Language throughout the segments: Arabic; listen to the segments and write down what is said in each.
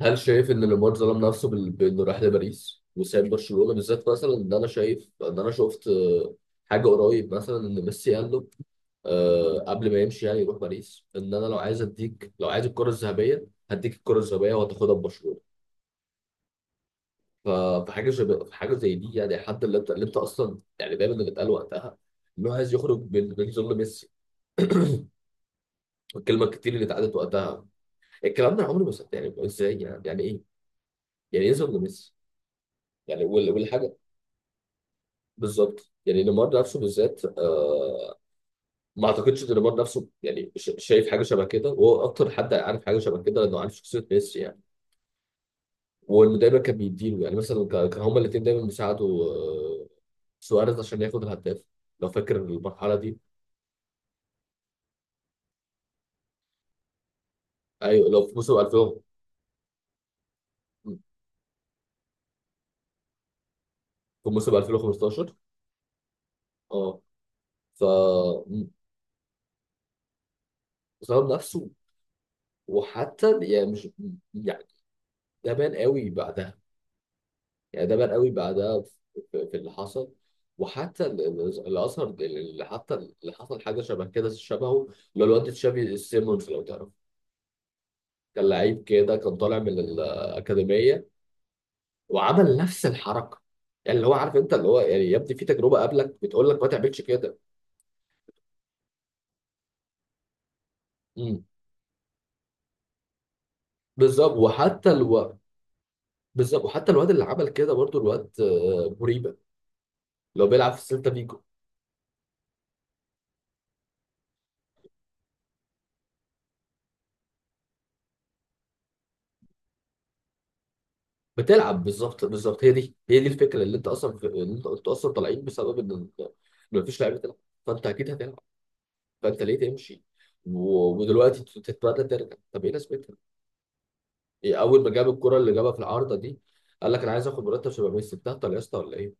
هل شايف ان ليمار ظلم نفسه بانه راح لباريس وساب برشلونه بالذات. مثلا ان انا شايف ان انا شفت حاجه قريب. مثلا ان ميسي قال له قبل ما يمشي يعني يروح باريس، ان انا لو عايز اديك، لو عايز الكره الذهبيه هديك الكره الذهبيه وهتاخدها ببرشلونه. ف- فحاجه شبه حاجه زي دي، يعني حد اللي انت اصلا يعني دايما اللي اتقال وقتها انه عايز يخرج من ظل ميسي. الكلمه الكتير اللي اتقالت وقتها. الكلام ده أنا عمري ما صدق، يعني ازاي يعني ايه. يعني ايه ظل ميسي؟ يعني والحاجه. بالظبط، يعني نيمار نفسه بالذات. آه. ما اعتقدش ان نيمار نفسه يعني شايف حاجه شبه كده، وهو اكتر حد عارف حاجه شبه كده لانه عارف شخصيه ميسي يعني. وانه دايما كان بيديله، يعني مثلا كان هما الاثنين دايما بيساعدوا آه سواريز عشان ياخد الهداف. لو فاكر المرحله دي. ايوه، لو في موسم 2000. في موسم 2015. اه. ف م- ظلم نفسه. وحتى يعني مش، يعني ده بان قوي بعدها. يعني ده بان قوي بعدها في اللي حصل. وحتى اللي اثر، اللي حتى اللي حصل حاجه شبه كده، شبهه اللي هو الواد تشافي سيمونز لو تعرف. كان لعيب كده، كان طالع من الاكاديميه وعمل نفس الحركه. يعني اللي هو عارف انت، اللي هو يعني يبدو في تجربه قبلك بتقول لك ما تعملش كده. امم بالظبط. وحتى الو بالظبط وحتى الواد اللي عمل كده برضو الواد مريبه، لو بيلعب في سيلتا فيجو. بتلعب. بالظبط بالظبط. هي دي الفكره، اللي انت قلت اصلا: طالعين بسبب ان مفيش لعيبه تلعب. فانت اكيد هتلعب. فانت ليه تمشي؟ و... ودلوقتي تتمنى ترجع. طب ايه لازمتها؟ إيه، اول ما جاب الكره اللي جابها في العارضه دي قال لك انا عايز اخد مرتب شبه ميسي. بتهطل يا اسطى ولا ايه؟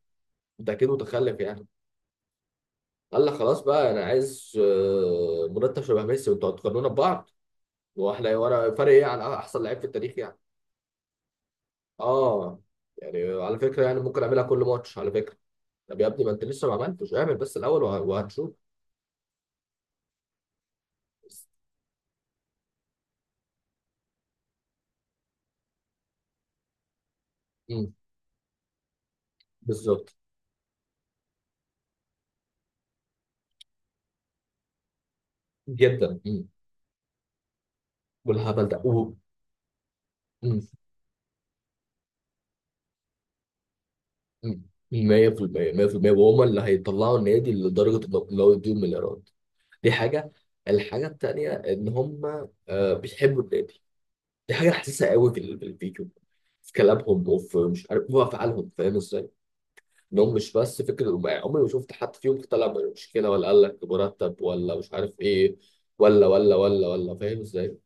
انت اكيد متخلف يعني. قال لك: خلاص بقى انا عايز مرتب شبه ميسي وانتوا هتقارنونا ببعض، واحنا ورا فرق ايه عن احسن لعيب في التاريخ يعني. اه. يعني على فكره، يعني ممكن اعملها كل ماتش على فكره. طب يا ابني، ما انت لسه ما عملتش. اعمل بس الاول وهتشوف. مم. بالظبط. جدا. مم. والهبل ده. مم. مم. 100% 100%، وهم اللي هيطلعوا النادي لدرجه انه لو يديهم مليارات. دي حاجه. الحاجه التانيه ان هم بيحبوا النادي. دي حاجه حاسسها قوي في الفيديو، في كلامهم، وفي مش عارف هو افعالهم. فاهم ازاي؟ انهم مش بس فكره، عمري ما شفت حد فيهم طلع من مشكله ولا قال لك مرتب، ولا مش عارف ايه، ولا ولا ولا ولا. فاهم ازاي؟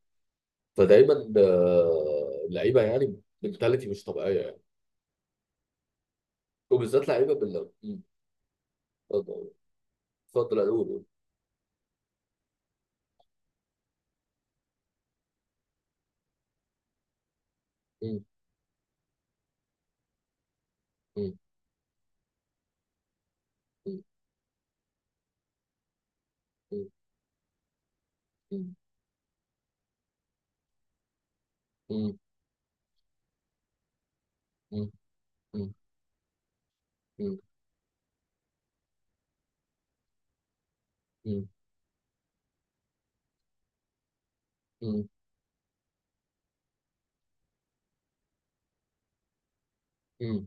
فدايما اللعيبه يعني منتاليتي مش طبيعيه يعني، وبالذات لعيبه. مم. اتفضل. اتفضل، قول قول. مم. مم. مم. مم. مم. مم. مم. مم. مم. مم. مم.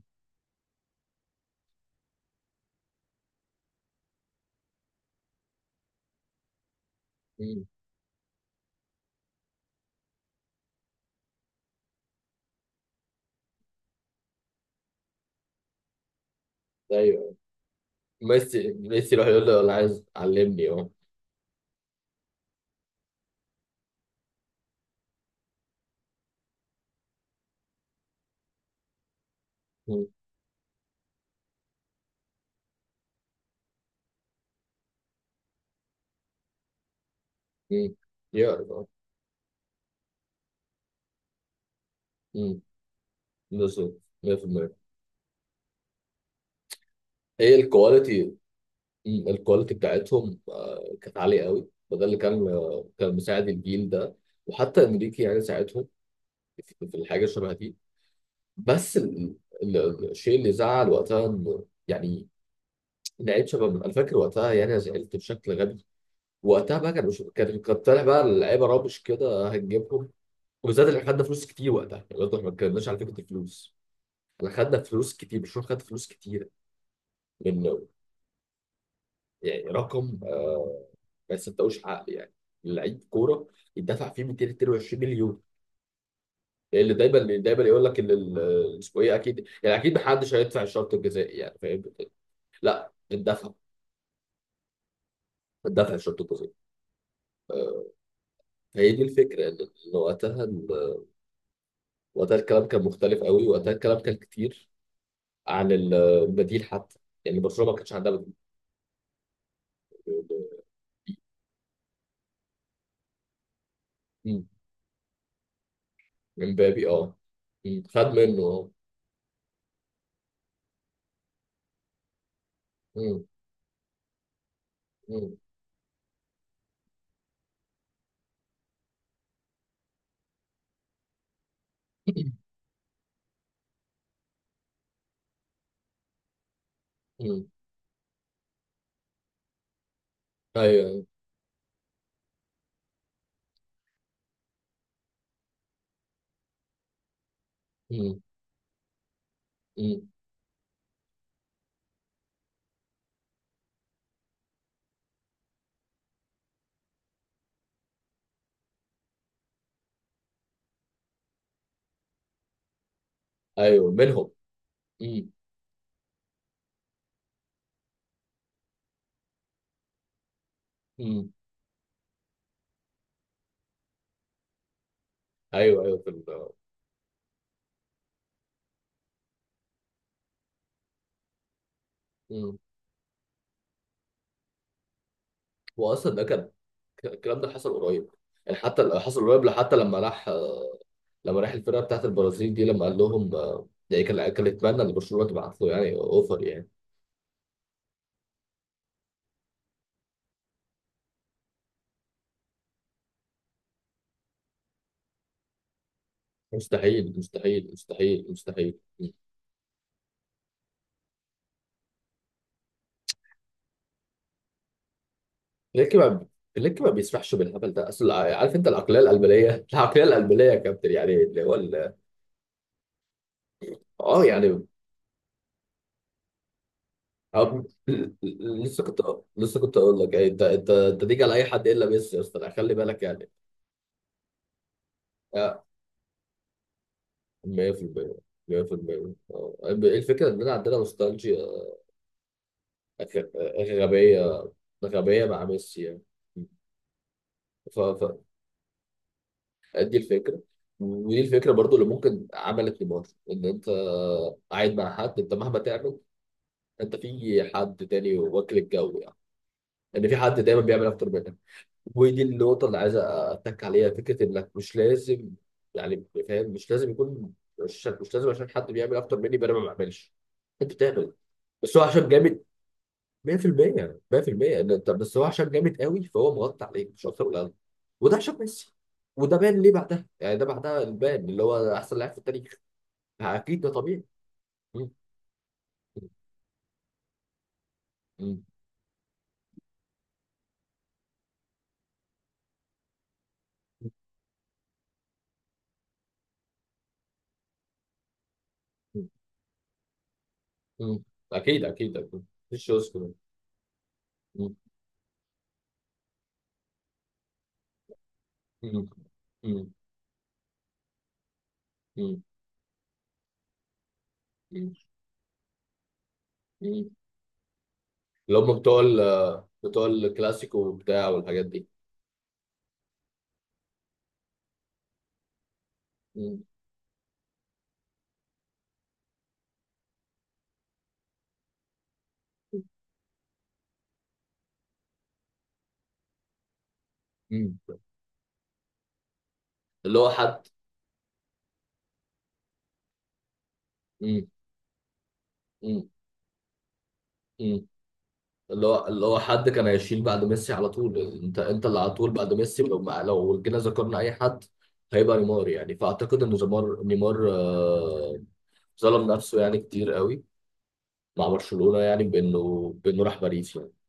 مم. ايوه. ميسي يروح يقول له: انا عايز علمني. اه. مم. مم. يعرف اه. مم. بالظبط. 100%. هي الكواليتي. مم. الكواليتي بتاعتهم كانت عاليه قوي، فده اللي كان كان مساعد الجيل ده. وحتى انريكي يعني ساعتهم في الحاجه شبه دي. بس الشيء اللي زعل وقتها يعني، لعيب شباب انا فاكر وقتها. يعني انا زعلت بشكل غبي وقتها بقى. كان مش كان طالع بقى اللعيبه رابش كده هنجيبهم، وبالذات اللي خدنا فلوس كتير وقتها يعني. برضه احنا ما اتكلمناش على فكره الفلوس. احنا خدنا فلوس كتير، مش خدنا فلوس كتير. من يعني رقم ما يصدقوش عقل، يعني لعيب كوره يدفع فيه 222 مليون. اللي دايما يقول لك ان اسمه ايه، اكيد يعني اكيد محدش هيدفع الشرط الجزائي، يعني فاهم. لا، الدفع، الدفع، الشرط الجزئي. آه، فهي دي الفكره، ان وقتها وقتها الكلام كان مختلف قوي. وقتها الكلام كان كتير عن البديل حتى. يعني برشلونه ما كانش عندها بديل. مم. امبابي، اه. مم. خد منه، اه. مم. مم. مم. ايوه. مم. مم. ايوه، منهم. مم. مم. ايوه ايوه مم. واصلا ده كان، الكلام ده حصل قريب يعني، حتى حصل قريب. حتى لما راح لما راح الفرقه بتاعت البرازيل دي، لما قال لهم ده كان يتمنى ان برشلونه تبعت له يعني اوفر يعني. مستحيل مستحيل مستحيل مستحيل. فليك ما فليك ما بيسمحش بالهبل ده. اصل عارف انت العقليه القلبليه العقليه القلبليه يا كابتن، يعني اللي هو اه يعني. أو- لسه كنت لسه كنت اقول لك يعني انت تيجي على اي حد الا ميسي يا اسطى، خلي بالك يعني. آه، 100% 100%. الفكره اننا عندنا نوستالجيا غ- غبيه. غبيه مع ميسي يعني. ف- فدي الفكره، ودي الفكره برضو اللي ممكن عملت لمارفل: ان انت قاعد مع حد، انت مهما تعمل انت في حد تاني واكل الجو يعني، ان في حد دايما بيعمل اكتر منك. ودي النقطه اللي عايز اتك عليها، فكره انك مش لازم يعني، فاهم، مش لازم يكون، مش لازم عشان حد بيعمل اكتر مني يبقى انا ما بعملش. انت بتعمل. بس هو عشان جامد. 100% 100%. طب بس هو عشان جامد قوي، فهو مغطي عليك، مش اكتر ولا اقل. وده عشان ميسي. وده بان ليه بعدها، يعني ده بعدها البان اللي هو احسن لاعب في التاريخ. اكيد ده طبيعي. مم. مم. مم. مم. اكيد اكيد اكيد. مفيش شوز كمان. مم. مم. مم. مم. مم. مم. اللي هم بتوع بتوع الكلاسيكو وبتاع، والحاجات دي. مم. مم. اللي هو حد. مم. مم. اللي هو حد كان هيشيل بعد ميسي على طول. انت اللي على طول بعد ميسي، لو ما لو جينا ذكرنا اي حد هيبقى نيمار يعني. فاعتقد ان نيمار ظلم نفسه يعني كتير قوي مع برشلونة، يعني بانه راح باريس يعني.